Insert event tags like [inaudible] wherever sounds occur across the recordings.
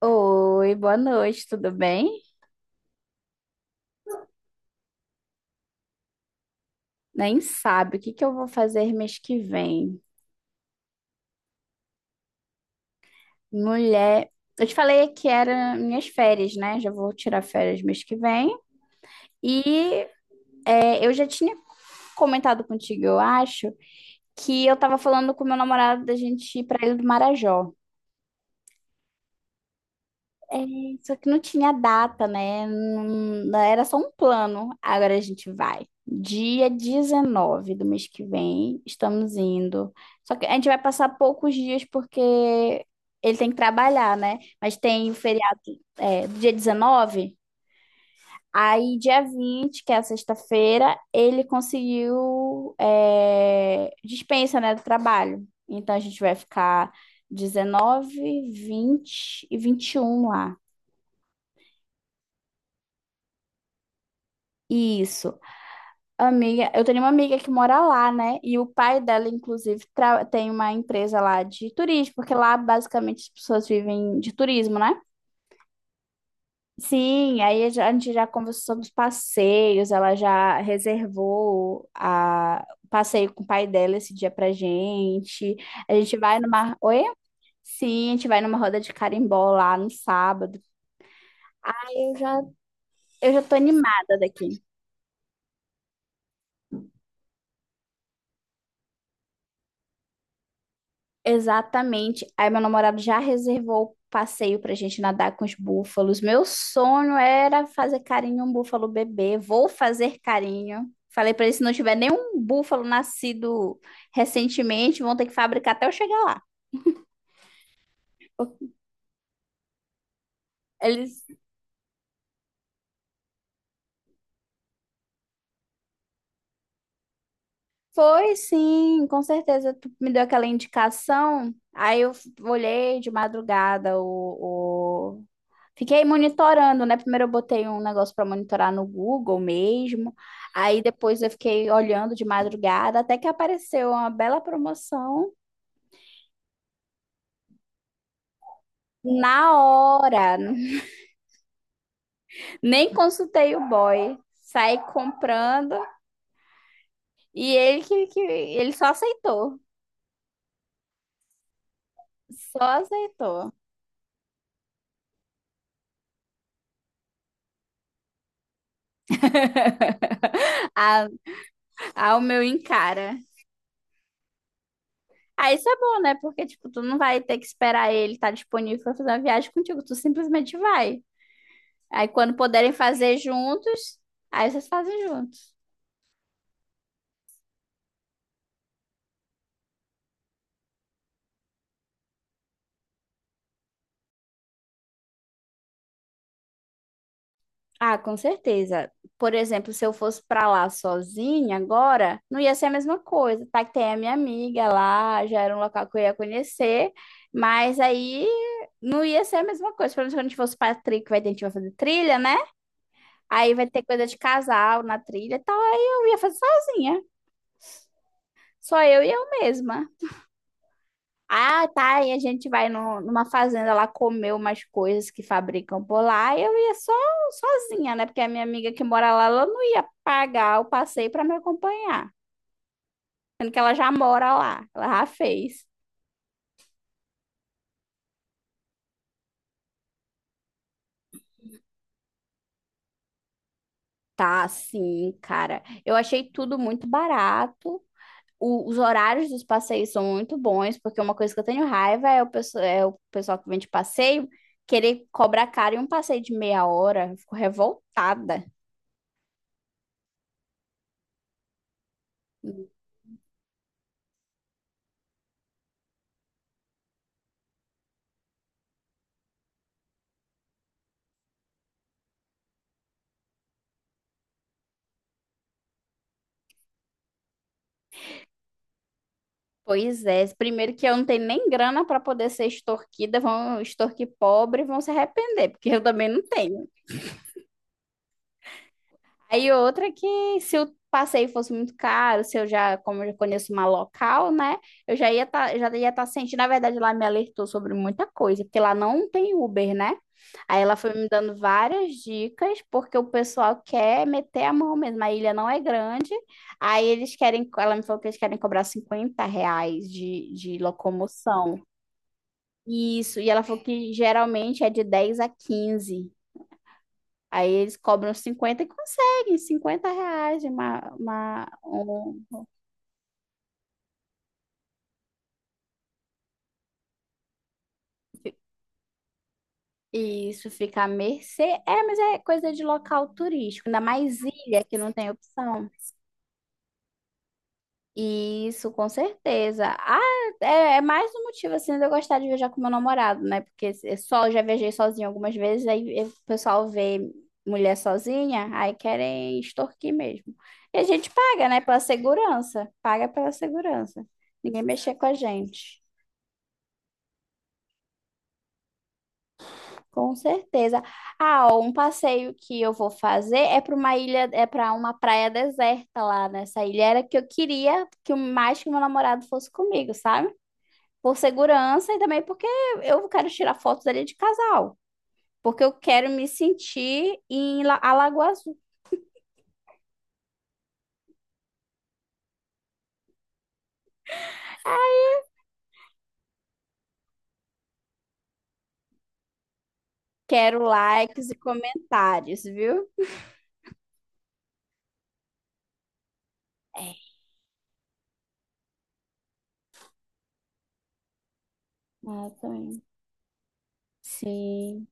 Oi, boa noite, tudo bem? Nem sabe o que que eu vou fazer mês que vem. Mulher, eu te falei que era minhas férias, né? Já vou tirar férias mês que vem. E eu já tinha comentado contigo, eu acho, que eu tava falando com meu namorado da gente ir pra Ilha do Marajó. É, só que não tinha data, né? Era só um plano. Agora a gente vai. Dia 19 do mês que vem, estamos indo. Só que a gente vai passar poucos dias porque ele tem que trabalhar, né? Mas tem o feriado, do dia 19. Aí, dia 20, que é a sexta-feira, ele conseguiu, dispensa, né, do trabalho. Então a gente vai ficar 19, 20 e 21 lá. Isso. Amiga, eu tenho uma amiga que mora lá, né? E o pai dela, inclusive, tem uma empresa lá de turismo, porque lá basicamente as pessoas vivem de turismo, né? Sim, aí a gente já conversou sobre os passeios, ela já reservou a o passeio com o pai dela esse dia pra gente. A gente vai numa. Oi? Sim, a gente vai numa roda de carimbó lá no sábado. Aí eu já tô animada daqui. Exatamente. Aí meu namorado já reservou o passeio pra gente nadar com os búfalos. Meu sonho era fazer carinho em um búfalo bebê. Vou fazer carinho. Falei pra ele, se não tiver nenhum búfalo nascido recentemente, vão ter que fabricar até eu chegar lá. Ele foi sim, com certeza. Tu me deu aquela indicação. Aí eu olhei de madrugada o, fiquei monitorando, né? Primeiro eu botei um negócio para monitorar no Google mesmo. Aí depois eu fiquei olhando de madrugada até que apareceu uma bela promoção na hora. Nem consultei o boy. Saí comprando e ele que ele só aceitou. Só aceitou. A, Ao meu encara. Ah, isso é bom, né? Porque, tipo, tu não vai ter que esperar ele estar disponível para fazer uma viagem contigo. Tu simplesmente vai. Aí quando puderem fazer juntos, aí vocês fazem juntos. Ah, com certeza. Por exemplo, se eu fosse pra lá sozinha agora, não ia ser a mesma coisa, tá? Que tem a minha amiga lá, já era um local que eu ia conhecer, mas aí não ia ser a mesma coisa. Pelo menos quando a gente fosse pra trilha, que vai ter, a gente vai fazer trilha, né? Aí vai ter coisa de casal na trilha e tal, aí eu ia fazer sozinha. Só eu e eu mesma. Ah, tá. E a gente vai numa fazenda lá comer umas coisas que fabricam por lá. E eu ia só sozinha, né? Porque a minha amiga que mora lá, ela não ia pagar o passeio para me acompanhar. Sendo que ela já mora lá, ela já fez. Tá, sim, cara. Eu achei tudo muito barato. O- os horários dos passeios são muito bons, porque uma coisa que eu tenho raiva é o pessoal que vem de passeio querer cobrar caro em um passeio de meia hora. Eu fico revoltada. Pois é, primeiro que eu não tenho nem grana para poder ser extorquida, vão extorquir pobre, e vão se arrepender, porque eu também não tenho. Aí outra que se o passeio fosse muito caro, se eu já, como eu já conheço uma local, né, eu já ia tá, já ia estar sentindo, na verdade lá me alertou sobre muita coisa, porque lá não tem Uber, né? Aí ela foi me dando várias dicas, porque o pessoal quer meter a mão mesmo, a ilha não é grande, aí eles querem, ela me falou que eles querem cobrar R$ 50 de locomoção. Isso, e ela falou que geralmente é de 10 a 15. Aí eles cobram 50 e conseguem R$ 50 de uma. Isso fica à mercê. É, mas é coisa de local turístico, ainda mais ilha que não tem opção. Isso, com certeza. Ah, é, é mais um motivo assim de eu gostar de viajar com meu namorado, né? Porque se- só eu já viajei sozinha algumas vezes, aí o pessoal vê mulher sozinha, aí querem extorquir mesmo. E a gente paga, né? Pela segurança. Paga pela segurança. Ninguém mexer com a gente. Com certeza. Ah, ó, um passeio que eu vou fazer é para uma ilha, é para uma praia deserta lá nessa ilha. Era que eu queria que o mais que meu namorado fosse comigo, sabe? Por segurança e também porque eu quero tirar fotos ali de casal, porque eu quero me sentir em Alagoas. Quero likes e comentários, viu? Ah, também. Sim.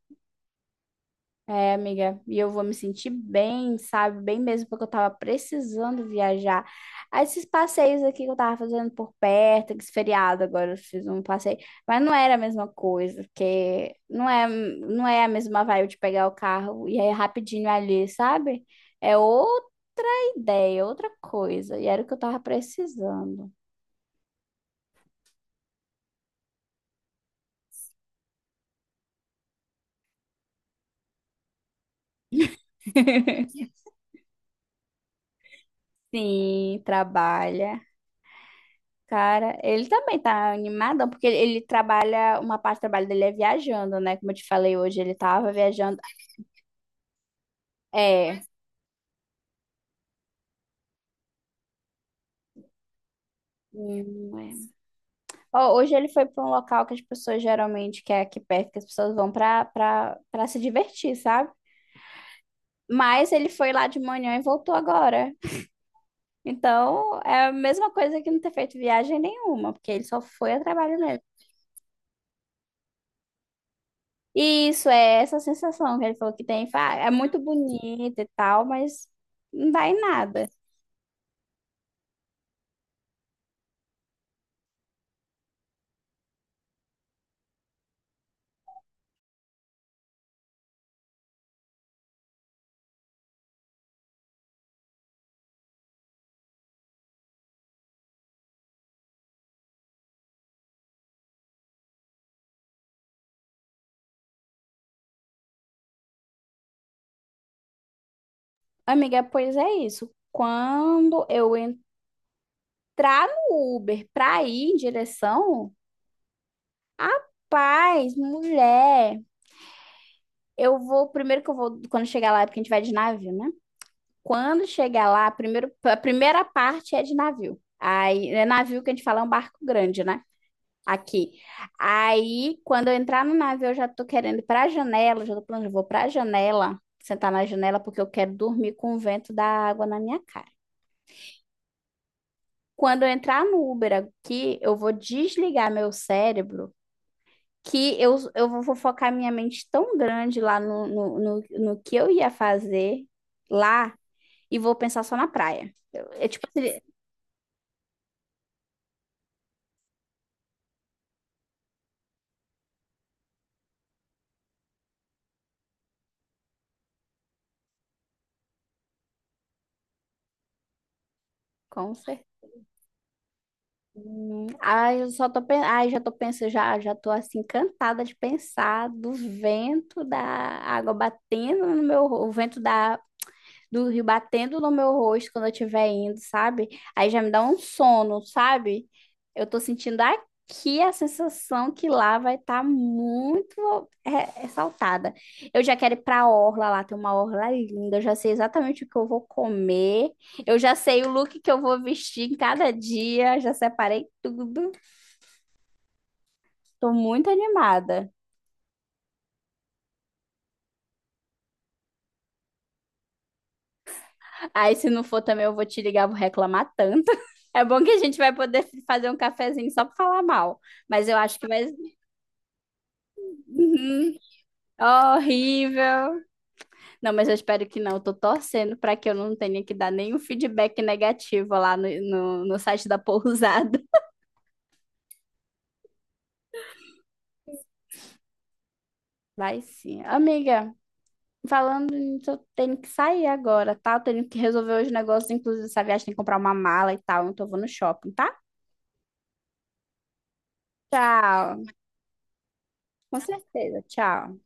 É, amiga, e eu vou me sentir bem, sabe? Bem mesmo, porque eu tava precisando viajar. Ah, esses passeios aqui que eu tava fazendo por perto, esse feriado agora eu fiz um passeio, mas não era a mesma coisa, porque não é a mesma vibe de pegar o carro e aí é rapidinho ali, sabe? É outra ideia, outra coisa, e era o que eu tava precisando. [laughs] Sim, trabalha. Cara, ele também tá animadão, porque ele trabalha, uma parte do trabalho dele é viajando, né? Como eu te falei hoje, ele tava viajando. É. Hum, é. Ó, hoje ele foi pra um local que as pessoas geralmente, que é aqui perto, que as pessoas vão pra se divertir, sabe? Mas ele foi lá de manhã e voltou agora. Então, é a mesma coisa que não ter feito viagem nenhuma, porque ele só foi a trabalho mesmo. E isso é essa sensação que ele falou que tem. Fala, "Ah, é muito bonito e tal, mas não dá em nada." Amiga, pois é isso. Quando eu entrar no Uber pra ir em direção, rapaz, mulher, eu vou. Primeiro que eu vou. Quando chegar lá, é porque a gente vai de navio, né? Quando chegar lá, primeiro, a primeira parte é de navio. Aí, é navio que a gente fala é um barco grande, né? Aqui. Aí, quando eu entrar no navio, eu já tô querendo ir pra janela, já tô planejando, eu vou pra janela, sentar na janela, porque eu quero dormir com o vento da água na minha cara. Quando eu entrar no Uber aqui, eu vou desligar meu cérebro, que eu vou focar minha mente tão grande lá no que eu ia fazer lá e vou pensar só na praia. É tipo assim, com certeza. Ai, eu só tô, ai, já tô pensando, já tô assim, encantada de pensar do vento da água batendo no meu, o vento da do rio batendo no meu rosto quando eu estiver indo, sabe? Aí já me dá um sono, sabe? Eu tô sentindo aqui a sensação que lá vai estar muito ressaltada. Eu já quero ir pra orla lá, tem uma orla linda, eu já sei exatamente o que eu vou comer, eu já sei o look que eu vou vestir em cada dia, já separei tudo. Tô muito animada. Aí, se não for também, eu vou te ligar, vou reclamar tanto. [laughs] É bom que a gente vai poder fazer um cafezinho só pra falar mal. Mas eu acho que vai. Uhum. Horrível. Não, mas eu espero que não. Eu tô torcendo pra que eu não tenha que dar nenhum feedback negativo lá no site da pousada. [laughs] Vai sim. Amiga, falando nisso, eu tenho que sair agora, tá? Eu tenho que resolver os negócios, inclusive essa viagem, tem que comprar uma mala e tal. Então eu vou no shopping, tá? Tchau. Com certeza, tchau.